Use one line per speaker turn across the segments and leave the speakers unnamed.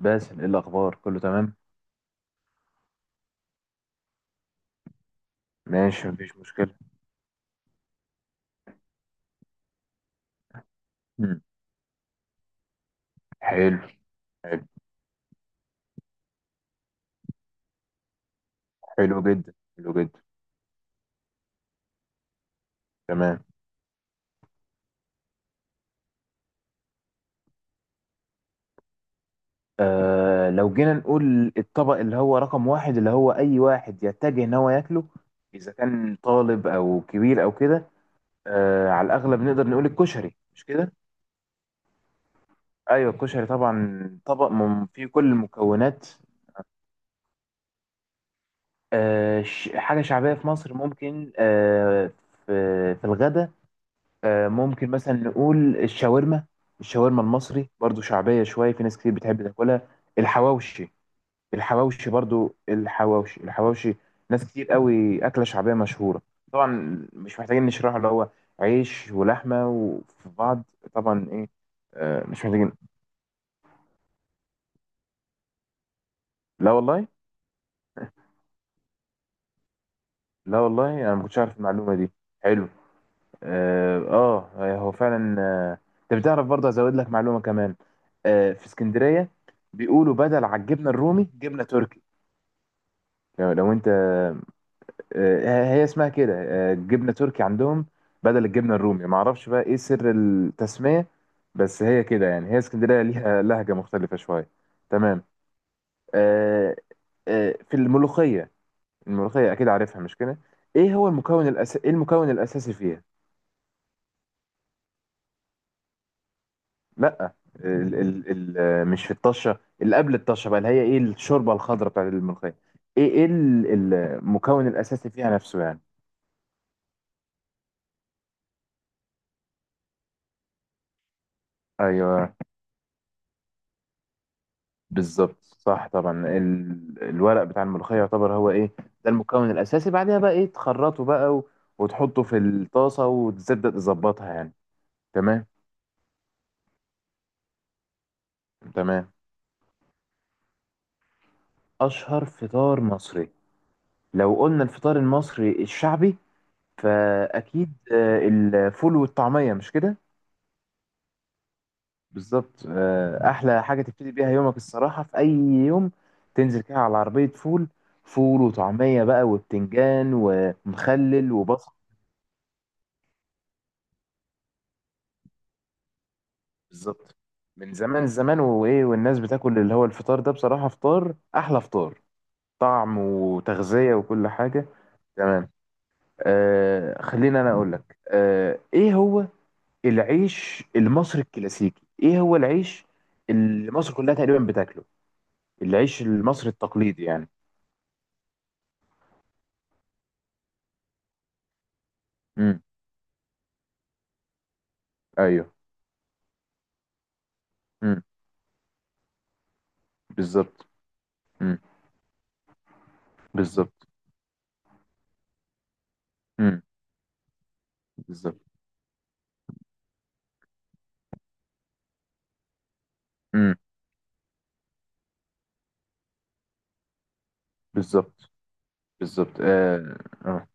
باسل، ايه الاخبار؟ كله تمام؟ ماشي، مفيش مشكله. مم. حلو. حلو. حلو جدا، حلو جدا. تمام. لو جينا نقول الطبق اللي هو رقم واحد، اللي هو اي واحد يتجه ان هو ياكله اذا كان طالب او كبير او كده. على الاغلب نقدر نقول الكشري، مش كده؟ ايوه، الكشري طبعا طبق فيه كل المكونات. حاجه شعبيه في مصر، ممكن. في في الغدا. ممكن مثلا نقول الشاورما. الشاورما المصري برضو شعبية، شوية في ناس كتير بتحب تاكلها. الحواوشي. الحواوشي برضو، الحواوشي الحواوشي، ناس كتير قوي، أكلة شعبية مشهورة. طبعا مش محتاجين نشرحه، اللي هو عيش ولحمة وفي بعض. طبعا، إيه. مش محتاجين. لا والله. لا والله، أنا ما كنتش عارف المعلومة دي. حلو. اه، آه، هو فعلا، انت بتعرف، برضه ازود لك معلومه كمان. في اسكندريه، بيقولوا بدل على الجبنه الرومي جبنه تركي. لو انت. هي اسمها كده، جبنه تركي عندهم بدل الجبنه الرومي. ما اعرفش بقى ايه سر التسميه، بس هي كده يعني، هي اسكندريه ليها لهجه مختلفه شويه. تمام. آه، في الملوخيه. الملوخيه، اكيد عارفها مش كده؟ ايه المكون الاساسي فيها؟ لا، ال ال ال مش في الطشه، اللي قبل الطشه بقى، اللي هي ايه، الشوربه الخضراء بتاعت الملوخيه. ايه ايه ال- المكون الاساسي فيها نفسه يعني. ايوه، بالظبط، صح طبعا. الورق بتاع الملوخيه يعتبر هو ايه، ده المكون الاساسي. بعدها بقى ايه، تخرطه بقى وتحطه في الطاسه وتبدا تظبطها يعني. تمام. تمام. اشهر فطار مصري. لو قلنا الفطار المصري الشعبي، فاكيد الفول والطعميه، مش كده؟ بالظبط. احلى حاجه تبتدي بيها يومك الصراحه في اي يوم، تنزل كده على عربيه فول، فول وطعميه بقى، وبتنجان ومخلل وبصل. بالظبط. من زمان زمان، وايه والناس بتاكل اللي هو الفطار ده، بصراحه فطار احلى فطار، طعم وتغذيه وكل حاجه. تمام. خلينا انا اقول لك، ايه هو العيش المصري الكلاسيكي، ايه هو العيش اللي مصر كلها تقريبا بتاكله؟ العيش المصري التقليدي يعني. امم. ايوه. امم. بالظبط. امم. بالظبط. امم. بالظبط. امم. بالظبط. بالظبط. اه. اه.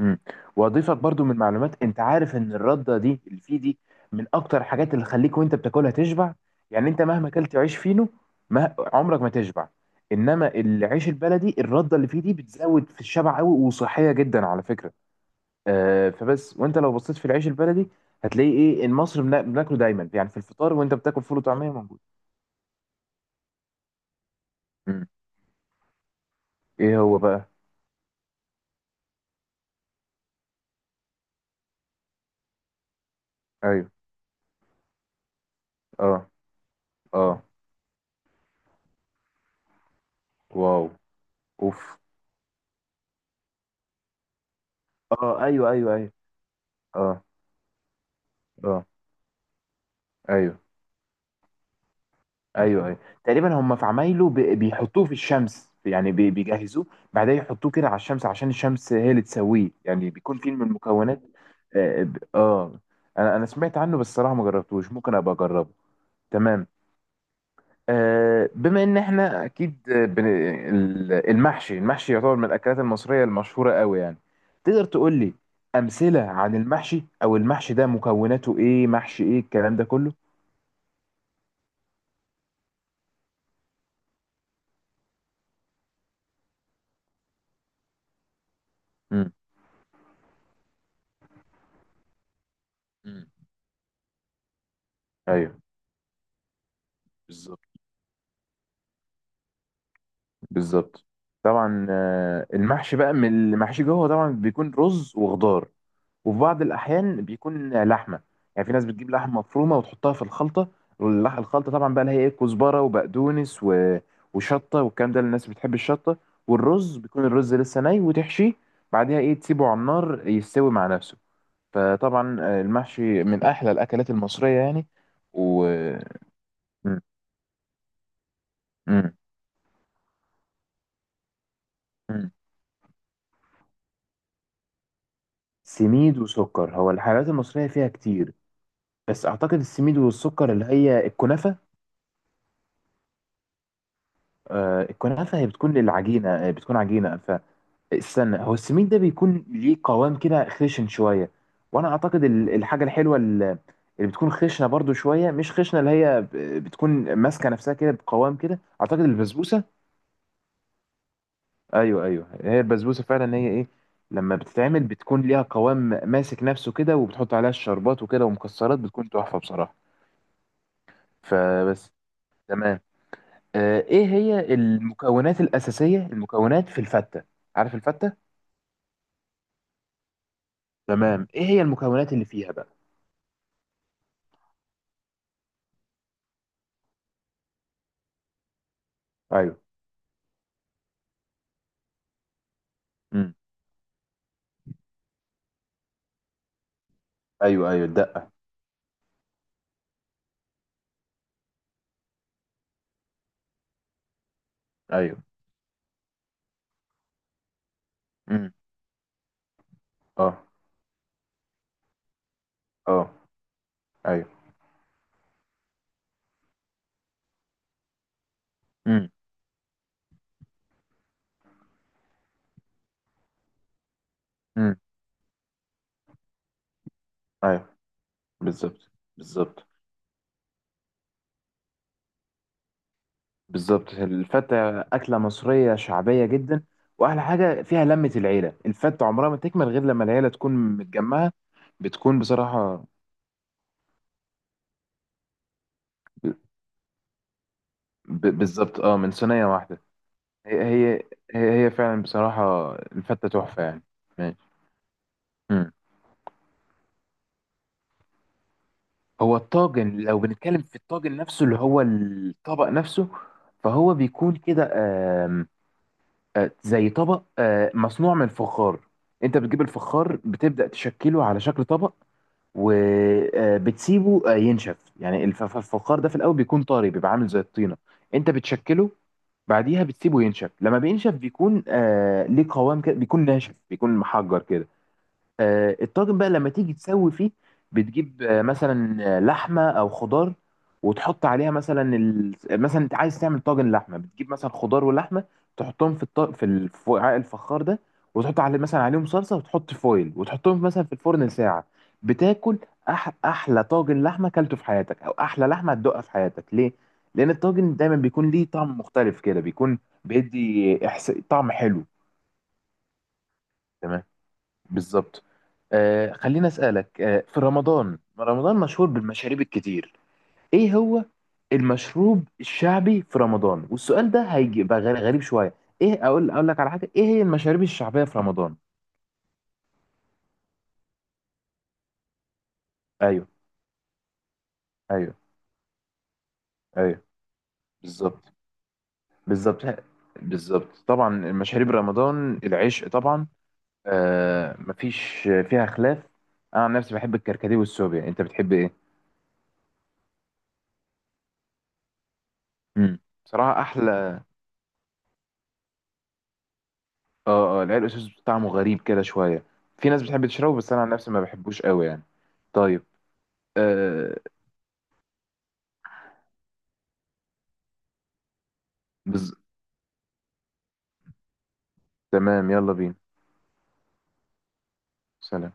امم. واضيفك برضو من معلومات. انت عارف ان الرده دي اللي فيه دي، من اكتر الحاجات اللي تخليك وانت بتاكلها تشبع. يعني انت مهما اكلت عيش فينو، ما عمرك ما تشبع. انما العيش البلدي، الرده اللي فيه دي بتزود في الشبع قوي، وصحيه جدا على فكره. فبس، وانت لو بصيت في العيش البلدي، هتلاقي ايه، المصري بناكله دايما يعني، في الفطار وانت بتاكل فول وطعميه موجود. امم. ايه هو بقى؟ ايوه. اه. اه. واو. اوف. اه، ايوه، ايوه، ايوه. اه. اه. ايوه، ايوه، ايوه. تقريبا هم في عمايله بيحطوه في الشمس يعني، بيجهزوه. بعدين يحطوه كده على الشمس عشان الشمس هي اللي تسويه يعني، بيكون فيه من المكونات. اه. انا سمعت عنه بس الصراحه ما جربتوش، ممكن ابقى اجربه. تمام. بما ان احنا اكيد، المحشي المحشي يعتبر من الاكلات المصريه المشهوره قوي يعني. تقدر تقول لي امثله عن المحشي، او المحشي ده مكوناته ايه، محشي ايه، الكلام ده كله. امم. امم. ايوه. بالظبط. بالظبط. طبعا، المحشي بقى، من المحشي جوه طبعا بيكون رز وخضار، وفي بعض الأحيان بيكون لحمة. يعني في ناس بتجيب لحمة مفرومة وتحطها في الخلطة. الخلطة طبعا بقى اللي هي إيه، كزبرة وبقدونس وشطة والكلام ده، الناس بتحب الشطة. والرز بيكون الرز لسه ني، وتحشيه بعدها إيه، تسيبه على النار يستوي مع نفسه. فطبعا، المحشي من أحلى الأكلات المصرية يعني. و م- م- م. سميد وسكر، هو الحلويات المصرية فيها كتير، بس أعتقد السميد والسكر اللي هي الكنافة. الكنافة هي بتكون العجينة، بتكون عجينة. استنى، هو السمين ده بيكون ليه قوام كده خشن شويه. وانا اعتقد الحاجه الحلوه اللي بتكون خشنه برضو شويه، مش خشنه، اللي هي بتكون ماسكه نفسها كده بقوام كده، اعتقد البسبوسه. ايوه، ايوه، هي البسبوسه فعلا، هي ايه، لما بتتعمل بتكون ليها قوام ماسك نفسه كده، وبتحط عليها الشربات وكده ومكسرات، بتكون تحفه بصراحه. فبس. تمام. ايه هي المكونات الاساسيه، المكونات في الفته. عارف الفته؟ تمام. ايه هي المكونات اللي فيها بقى؟ ايوه. مم. ايوه، ايوه، الدقه. ايوه. امم. اه. اه. ايوه. امم. امم. ايوه. بالظبط. بالظبط. بالظبط الفته اكله مصريه شعبيه جدا. واحلى حاجه فيها لمه العيله، الفته عمرها ما تكمل غير لما العيله تكون متجمعه. بتكون بصراحه. ب... بالظبط، اه، من صينيه واحده. هي هي هي فعلا بصراحه الفته تحفه يعني. ماشي. امم. هو الطاجن، لو بنتكلم في الطاجن نفسه اللي هو الطبق نفسه، فهو بيكون كده. آم، زي طبق، مصنوع من فخار. انت بتجيب الفخار، بتبدأ تشكله على شكل طبق، وبتسيبه ينشف يعني، الفخار ده في الاول بيكون طري، بيبقى عامل زي الطينة. انت بتشكله. بعديها بتسيبه ينشف، لما بينشف بيكون ليه قوام كده، بيكون ناشف، بيكون محجر كده. الطاجن بقى لما تيجي تسوي فيه، بتجيب مثلا لحمه او خضار، وتحط عليها مثلا مثلا انت عايز تعمل طاجن لحمه، بتجيب مثلا خضار ولحمه، تحطهم في الط... في ال- في وعاء الفخار ده، وتحط عليه مثلا، عليهم صلصه، وتحط فويل، وتحطهم مثلا في الفرن ساعه. بتاكل احلى طاجن لحمه اكلته في حياتك، او احلى لحمه هتدوقها في حياتك. ليه؟ لان الطاجن دايما بيكون ليه طعم مختلف كده، بيكون بيدي طعم حلو. تمام. بالظبط. خليني أسألك. في رمضان، رمضان مشهور بالمشاريب الكتير. ايه هو المشروب الشعبي في رمضان؟ والسؤال ده هيبقى غريب شوية. ايه، اقول لك على حاجة، ايه هي المشاريب الشعبية في رمضان؟ ايوه. ايوه. ايوه. بالظبط. بالظبط. بالظبط. طبعا، مشاريب رمضان العشق طبعا. مفيش فيها خلاف. انا عن نفسي بحب الكركديه والسوبيا. انت بتحب ايه؟ امم. بصراحة احلى. اه، اه، العرق سوس طعمه غريب كده شويه، في ناس بتحب تشربه بس انا عن نفسي ما بحبوش قوي يعني. طيب. آه بز... تمام، يلا بينا. سلام.